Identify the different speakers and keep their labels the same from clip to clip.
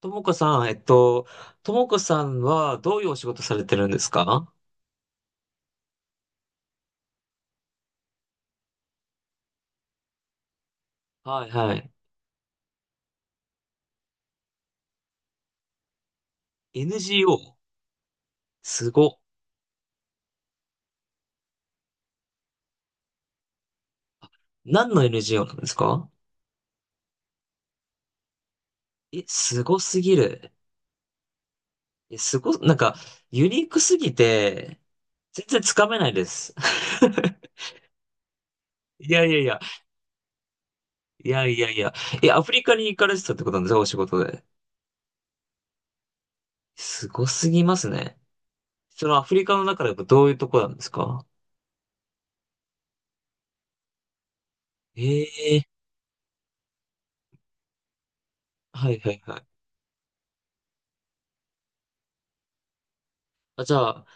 Speaker 1: ともこさん、ともこさんはどういうお仕事されてるんですか？はいはい。NGO? すご。何の NGO なんですか？え、すごすぎる。え、すご、なんか、ユニークすぎて、全然つかめないです。いやいやいや、いやいやいや。え、アフリカに行かれてたってことなんですか？お仕事で。すごすぎますね。そのアフリカの中でどういうとこなんですか？ええーはいはいはい。あ、じゃあ、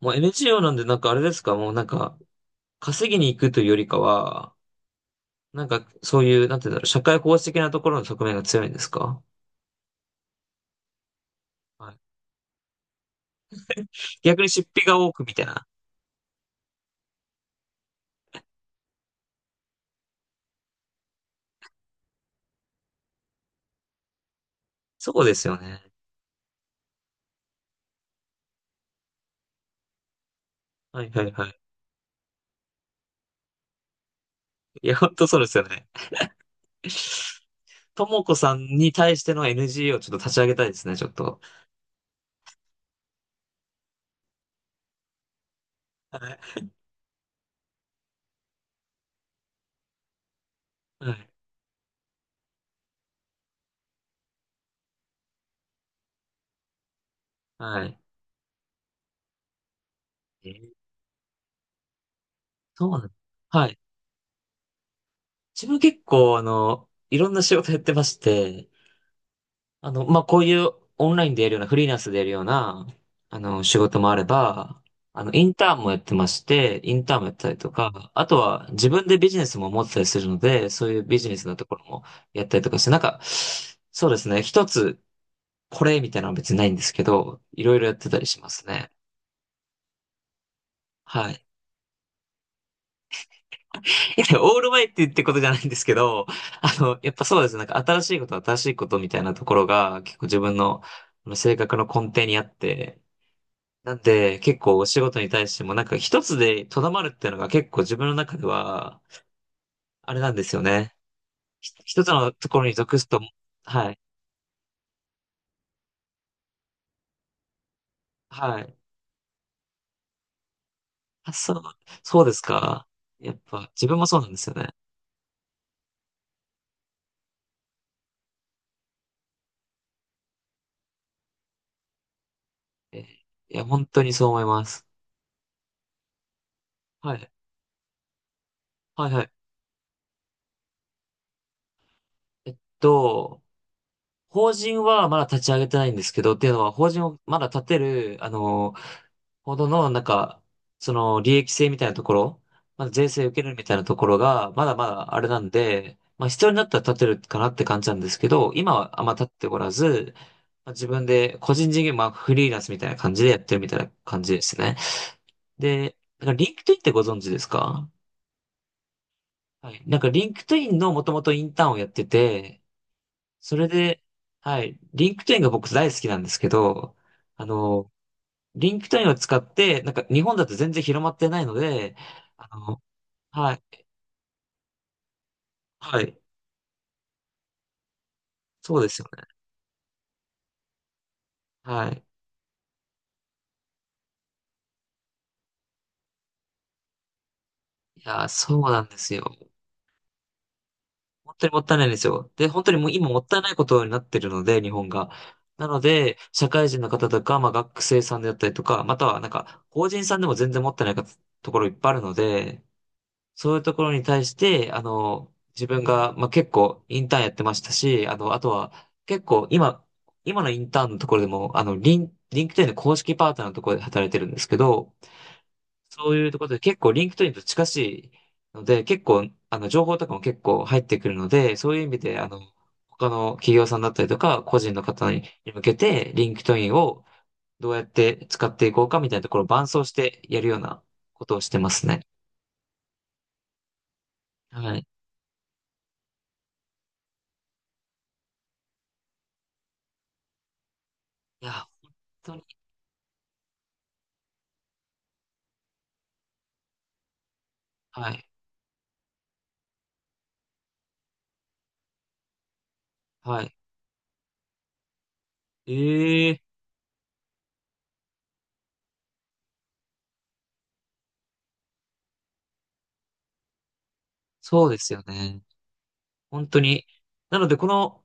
Speaker 1: もう NGO なんで、なんかあれですか、もうなんか、稼ぎに行くというよりかは、なんかそういう、なんていうんだろう、社会奉仕的なところの側面が強いんですか？はい。逆に出費が多くみたいな。そうですよね。はいはいはい。いや、本当そうですよね。ともこさんに対しての NGO をちょっと立ち上げたいですね、ちょっと。はい。はい。はい。えーそうなん、はい。自分結構、いろんな仕事やってまして、まあ、こういうオンラインでやるような、フリーランスでやるような、仕事もあれば、インターンもやってまして、インターンもやったりとか、あとは自分でビジネスも持ってたりするので、そういうビジネスのところもやったりとかして、なんか、そうですね、一つこれみたいなのは別にないんですけど、いろいろやってたりしますね。はい。いやオールマイティってことじゃないんですけど、やっぱそうですね、なんか新しいことみたいなところが結構自分の性格の根底にあって、なんで、結構お仕事に対しても、なんか一つでとどまるっていうのが結構自分の中では、あれなんですよね。一つのところに属すと、はい、はい。あ、そう、そうですか。やっぱ、自分もそうなんですよね。えーいや、本当にそう思います。はい、はい、はい。えっと、法人はまだ立ち上げてないんですけど、っていうのは、法人をまだ立てる、あの、ほどの、なんか、その、利益性みたいなところ、まだ税制受けるみたいなところが、まだまだあれなんで、まあ必要になったら建てるかなって感じなんですけど、今はあんま建っておらず、まあ、自分で個人事業、まあフリーランスみたいな感じでやってるみたいな感じですね。で、なんかリンクトインってご存知ですか？はい。なんかリンクトインのもともとインターンをやってて、それで、はい。リンクトインが僕大好きなんですけど、あの、リンクトインを使って、なんか日本だと全然広まってないので、あの、はい、はい、そうですよね。はい。いやー、そうなんですよ。本当にもったいないんですよ。で、本当にもう今もったいないことになってるので、日本が。なので、社会人の方とか、まあ学生さんであったりとか、またはなんか法人さんでも全然持ってないかところいっぱいあるので、そういうところに対して、自分が、まあ、結構インターンやってましたし、あとは結構今、今のインターンのところでも、あの、リンクトインの公式パートナーのところで働いてるんですけど、そういうところで結構リンクトインと近しいので、結構、情報とかも結構入ってくるので、そういう意味で、他の企業さんだったりとか、個人の方に向けて、リンクトインをどうやって使っていこうかみたいなところを伴走してやるようなことをしてますね。はい。いや、本当に、はい。はい。ええ、そうですよね。本当に。なので、この、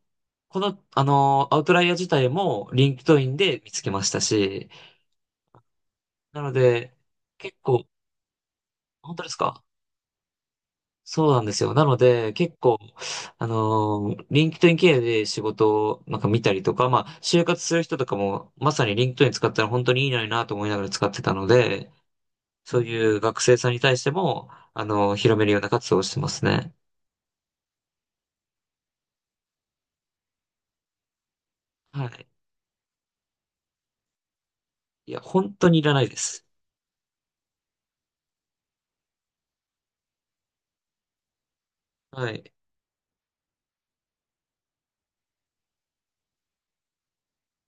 Speaker 1: この、あのーアウトライヤー自体も、リンクトインで見つけましたし、なので、結構、本当ですか？そうなんですよ。なので、結構、あのーリンクトイン経由で仕事を、なんか見たりとか、まあ、就活する人とかも、まさにリンクトイン使ったら本当にいいのになと思いながら使ってたので、そういう学生さんに対しても、あのー広めるような活動をしてますね。はい。いや、本当にいらないです。はい。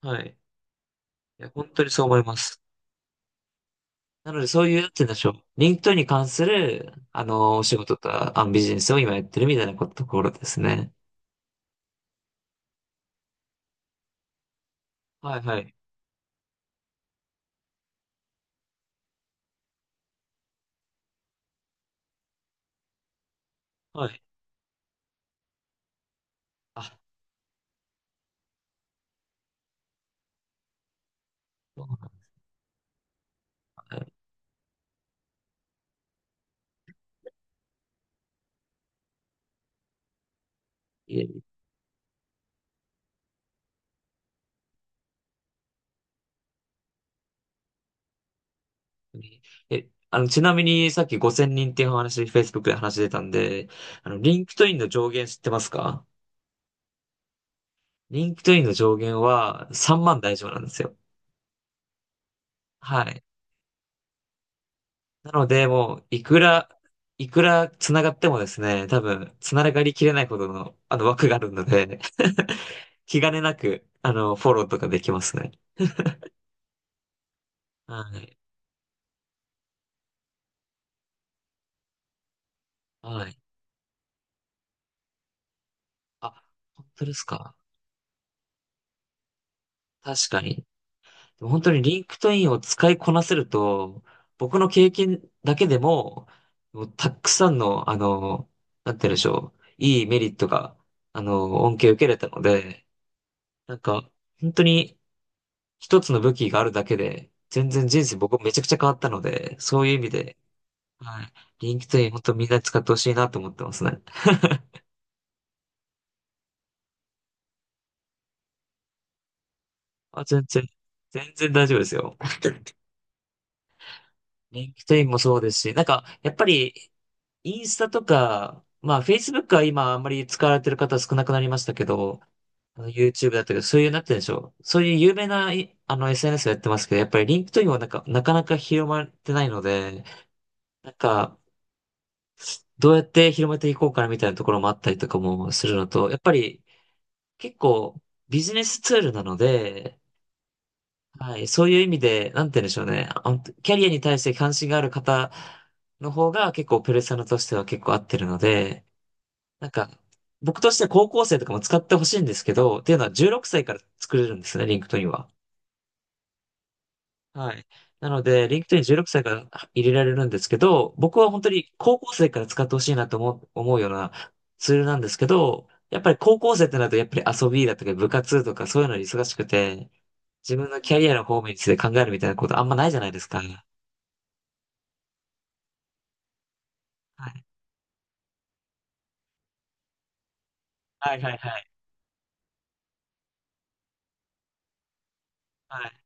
Speaker 1: はい。いや、本当にそう思います。なので、そういう、なんて言うんでしょう。リンクトインに関する、お仕事とか、あ、ビジネスを今やってるみたいなこと、ところですね。はいはい。はい。あ、そうなんだ、いえ、本当に、え、ちなみに、さっき5000人っていうお話、Facebook で話出たんで、リンクトインの上限知ってますか？リンクトインの上限は3万大丈夫なんですよ。はい。なので、もう、いくら繋がってもですね、多分、繋がりきれないほどの、枠があるので 気兼ねなく、フォローとかできますね。はい。はい。あ、本当ですか。確かに。でも本当にリンクトインを使いこなせると、僕の経験だけでも、もうたくさんの、あの、なんて言うんでしょう。いいメリットが、恩恵を受けれたので、なんか、本当に、一つの武器があるだけで、全然人生僕めちゃくちゃ変わったので、そういう意味で、はい。リンクトイン本当みんな使ってほしいなと思ってますね。あ、全然、全然大丈夫ですよ。リンクトインもそうですし、なんか、やっぱり、インスタとか、まあ、Facebook は今あんまり使われてる方少なくなりましたけど、あの YouTube だったけど、そういう、なってるでしょう。そういう有名な、いSNS をやってますけど、やっぱりリンクトインはなんか、なかなか広まってないので、なんか、どうやって広めていこうかなみたいなところもあったりとかもするのと、やっぱり結構ビジネスツールなので、はい、そういう意味で、なんて言うんでしょうね。あのキャリアに対して関心がある方の方が結構ペルソナとしては結構合ってるので、なんか、僕としては高校生とかも使ってほしいんですけど、っていうのは16歳から作れるんですね、リンクトインは。はい。なので、リンクトイン16歳から入れられるんですけど、僕は本当に高校生から使ってほしいなと思うようなツールなんですけど、やっぱり高校生ってなると、やっぱり遊びだとか部活とかそういうのに忙しくて、自分のキャリアの方面について考えるみたいなことあんまないじゃないですか。はい。はいはいはい。はい。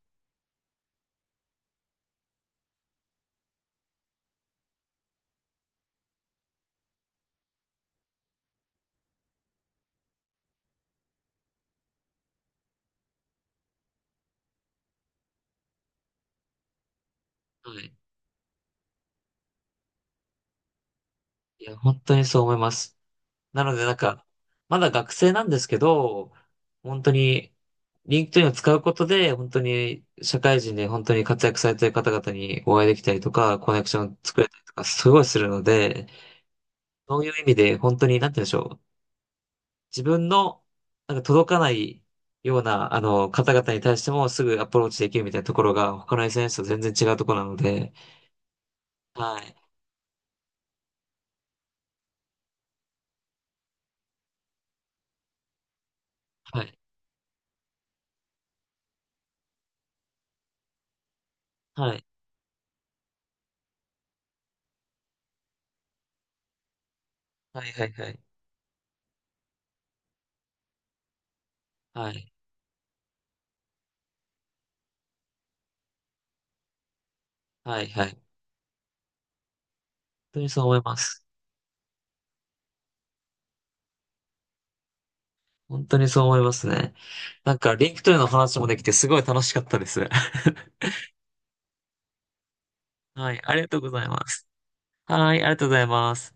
Speaker 1: はい。いや、本当にそう思います。なのでなんか、まだ学生なんですけど、本当に、リンクトインを使うことで、本当に社会人で本当に活躍されてる方々にお会いできたりとか、コネクションを作れたりとか、すごいするので、そういう意味で本当に、なんて言うんでしょう。自分の、なんか届かないような、方々に対してもすぐアプローチできるみたいなところが、他の SNS と全然違うところなので、はい、はい、はい、はい、はい、はい、はい、はい、はい、本当にそう思います。本当にそう思いますね。なんか、リンクトイの話もできてすごい楽しかったです。はい、ありがとうございます。はい、ありがとうございます。